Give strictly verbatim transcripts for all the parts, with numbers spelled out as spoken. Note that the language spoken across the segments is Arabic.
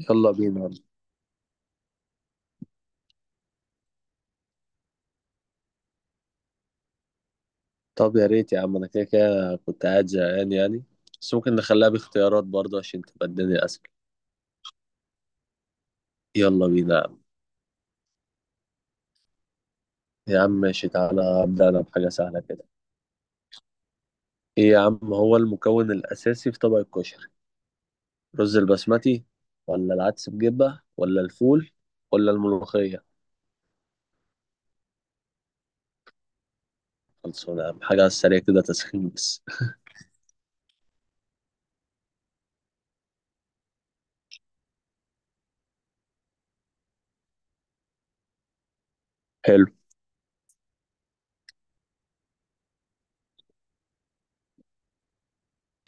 يلا بينا. طب يا ريت يا عم، انا كده كده كنت قاعد زهقان يعني، بس ممكن نخليها باختيارات برضه عشان تبقى الدنيا اسهل. يلا بينا يا عم. يا عم ماشي، تعالى ابدا، انا بحاجه سهله كده. ايه يا عم، هو المكون الاساسي في طبق الكشري؟ رز البسمتي؟ ولا العدس بجبه؟ ولا الفول؟ ولا الملوخيه؟ خلصونا يا عم، حاجه على السريع كده، تسخين بس. حلو.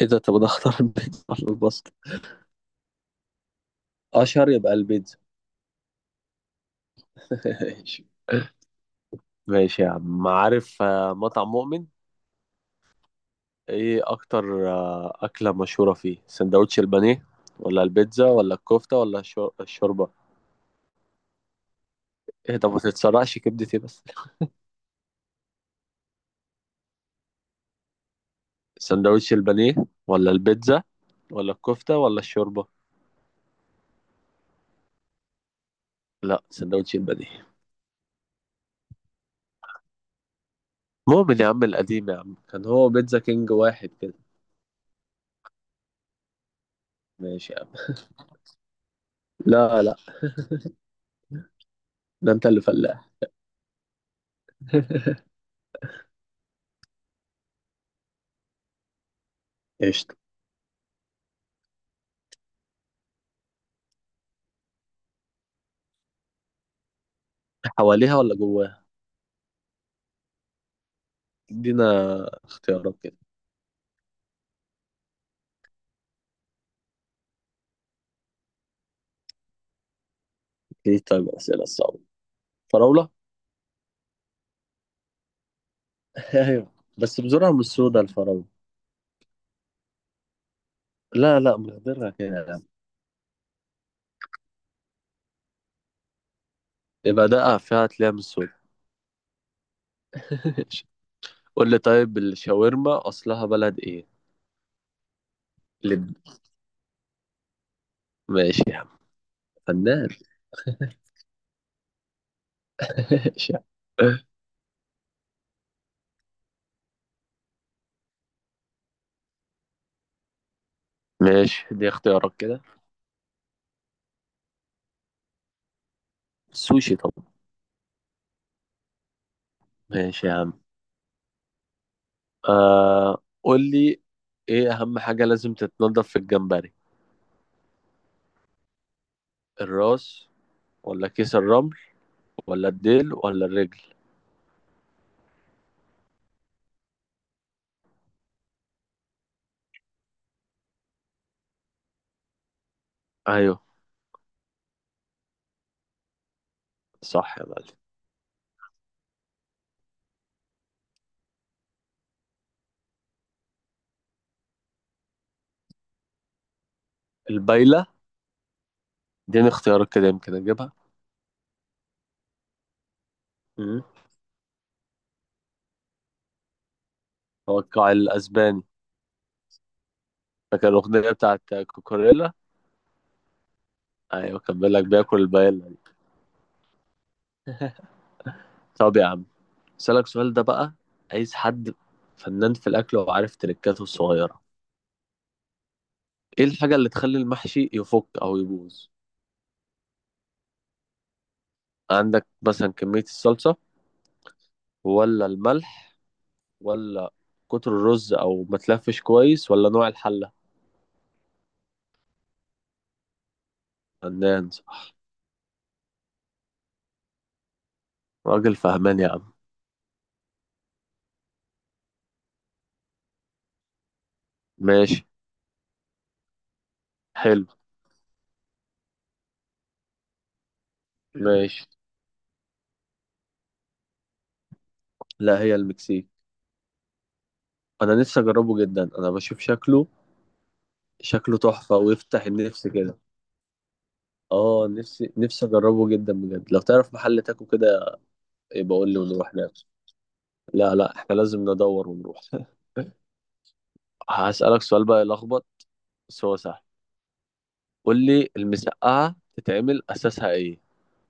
ايه ده، طب انا اختار البيتزا ولا الباستا؟ اشهر يبقى البيتزا. ماشي. ماشي يا عم، عارف آه، مطعم مؤمن؟ ايه اكتر آه، اكله مشهوره فيه؟ سندوتش البانيه؟ ولا البيتزا؟ ولا الكفته؟ ولا الشو- الشوربه؟ ايه ده، ما تتسرقش كبدتي بس. سندوتش البانيه ولا البيتزا ولا الكفته ولا الشوربه. لا، سندوتش البانيه. مؤمن يا عم القديم، يا عم كان هو بيتزا كينج، واحد كده. ماشي يا عم. لا لا، ده انت اللي فلاح. قشطه. حواليها ولا جواها؟ ادينا اختيارات كده. ايه، طيب الاسئله الصعبه. فراوله. ايوه. بس بزرعه مش سودا الفراوله. لا لا، مقدرها كده. يبقى دقة فيها هتلاقيها من السود. قول لي، طيب الشاورما أصلها بلد إيه؟ لب. ماشي يا عم. فنان. ماشي يا عم. ماشي، دي اختيارات كده. سوشي طبعا. ماشي يا عم. آه، قول لي، إيه أهم حاجة لازم تتنضف في الجمبري؟ الراس؟ ولا كيس الرمل؟ ولا الديل ولا الرجل؟ أيوه. صح يا معلم. البايلة. اديني اختيارات كده يمكن أجيبها. مم. هو القاع الأسباني. فاكر الأغنية بتاعت كوكوريلا؟ ايوه، كان بيقول لك بياكل البايلا. طب يا عم، اسالك سؤال ده بقى. عايز حد فنان في الاكل وعارف تريكاته الصغيره. ايه الحاجه اللي تخلي المحشي يفك او يبوظ؟ عندك مثلا كميه الصلصه، ولا الملح، ولا كتر الرز او ما تلفش كويس، ولا نوع الحله؟ فنان، صح. راجل فهمان يا عم. ماشي. حلو. ماشي. لا، هي المكسيك. انا نفسي اجربه جدا، انا بشوف شكله. شكله تحفه ويفتح النفس كده. اه، نفسي نفسي اجربه جدا بجد. لو تعرف محل تاكو كده يبقى قول لي ونروح ناكل. لا لا، احنا لازم ندور ونروح. هسألك سؤال بقى يلخبط، بس هو سهل. قول لي، المسقعة تتعمل أساسها إيه؟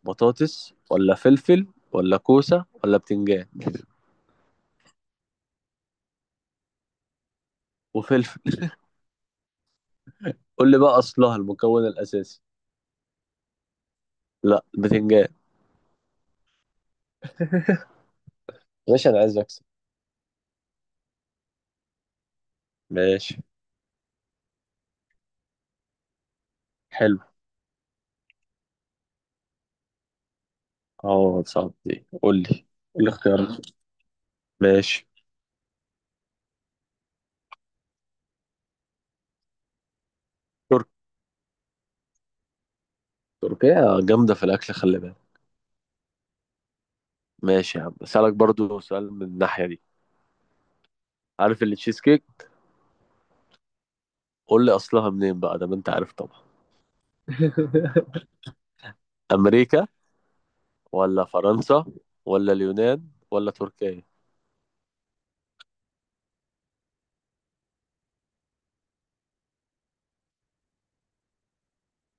بطاطس ولا فلفل؟ ولا كوسة ولا بتنجان؟ وفلفل. قول لي بقى أصلها، المكون الأساسي. لا، بتنجان. ماشي، أنا عايز أكسب. ماشي. حلو. أه، صعب دي، قول لي. قول لي اختيارات. ماشي. ترك. تركيا جامدة في الأكل، خلي بالك. ماشي يا عم، اسالك برضو سؤال من الناحيه دي. عارف اللي تشيز كيك؟ قول لي اصلها منين بقى، ده ما انت عارف طبعا. امريكا ولا فرنسا ولا اليونان ولا تركيا؟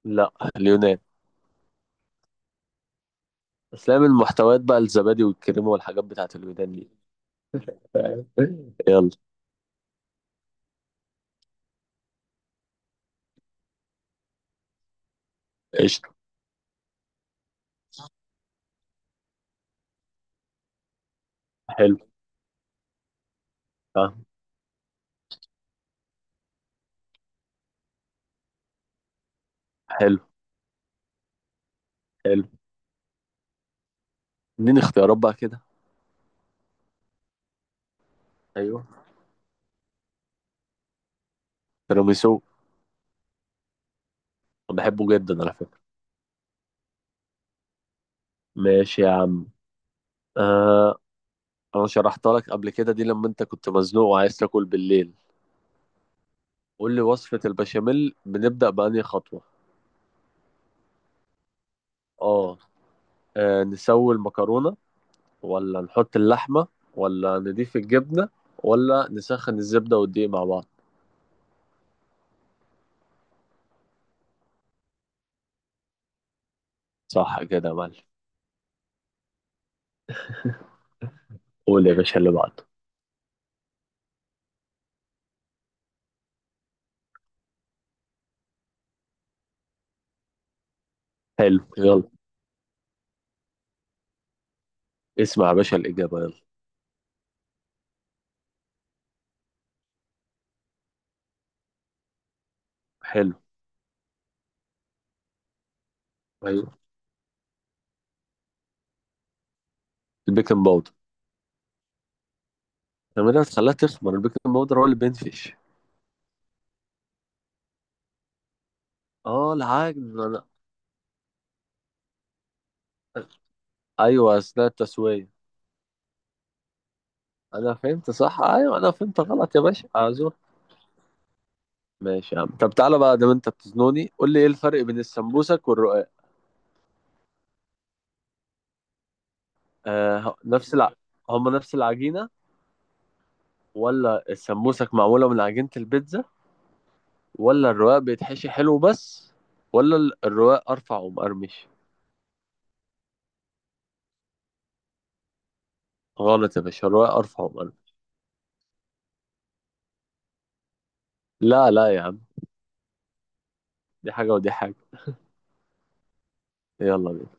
لا، اليونان. اسلام المحتويات بقى، الزبادي والكريمه والحاجات بتاعت اليونان دي. يلا. قشطه. حلو. آه. حلو. حلو. اديني اختيارات بقى كده. ايوه، تيراميسو. أنا بحبه جدا على فكره. ماشي يا عم. آه، انا شرحتها لك قبل كده دي، لما انت كنت مزنوق وعايز تاكل بالليل. قول لي وصفة البشاميل بنبدأ بأنهي خطوة؟ اه. آه، نسوي المكرونة؟ ولا نحط اللحمة؟ ولا نضيف الجبنة؟ ولا نسخن الزبدة والدقيق مع بعض؟ صح كده يا معلم. قول يا باشا اللي بعده. حلو يلا. اسمع يا باشا الإجابة يلا. حلو. ايوه، البيكنج باودر. لما ده تخليها تخمر، البيكنج باودر هو اللي بينفش. اه، العجن انا. ايوه، اثناء التسوية. انا فهمت صح، ايوه انا فهمت غلط يا باشا، اعذر. ماشي يا عم. طب تعالى بقى، دام انت بتزنوني، قول لي ايه الفرق بين السمبوسك والرقاق. آه ه- نفس الع... هما نفس العجينة؟ ولا السمبوسك معمولة من عجينة البيتزا؟ ولا الرقاق بيتحشي حلو بس؟ ولا ال- الرقاق أرفع ومقرمش؟ غلط يا باشا، الرقاق أرفع ومقرمش. لا لا يا عم، دي حاجة ودي حاجة. يلا بينا.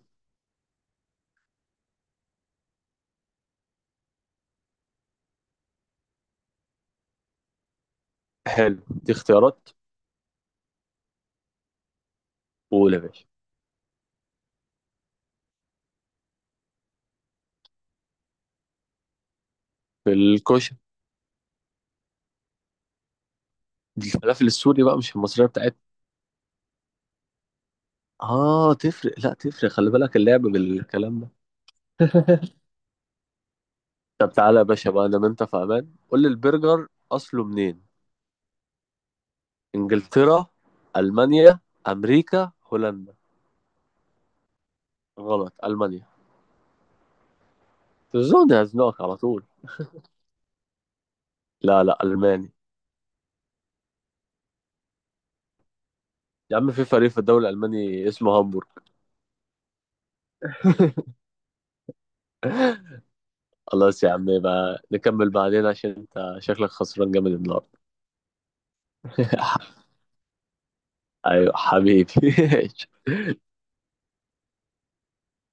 حلو، دي اختيارات. قول يا باشا. في الكشري. دي الفلافل السوري بقى، مش المصرية بتاعتنا. اه تفرق، لا تفرق، خلي بالك اللعب بالكلام ده. طب تعالى يا باشا بقى، انا انت في امان. قول لي البرجر اصله منين؟ انجلترا؟ المانيا؟ امريكا؟ هولندا؟ غلط، المانيا. تزون هزنقك على طول. لا لا، الماني. يا عم في فريق في الدوري الالماني اسمه هامبورغ. خلاص يا عم، يبقى نكمل بعدين عشان انت شكلك خسران جامد النهارده. ايوه حبيبي.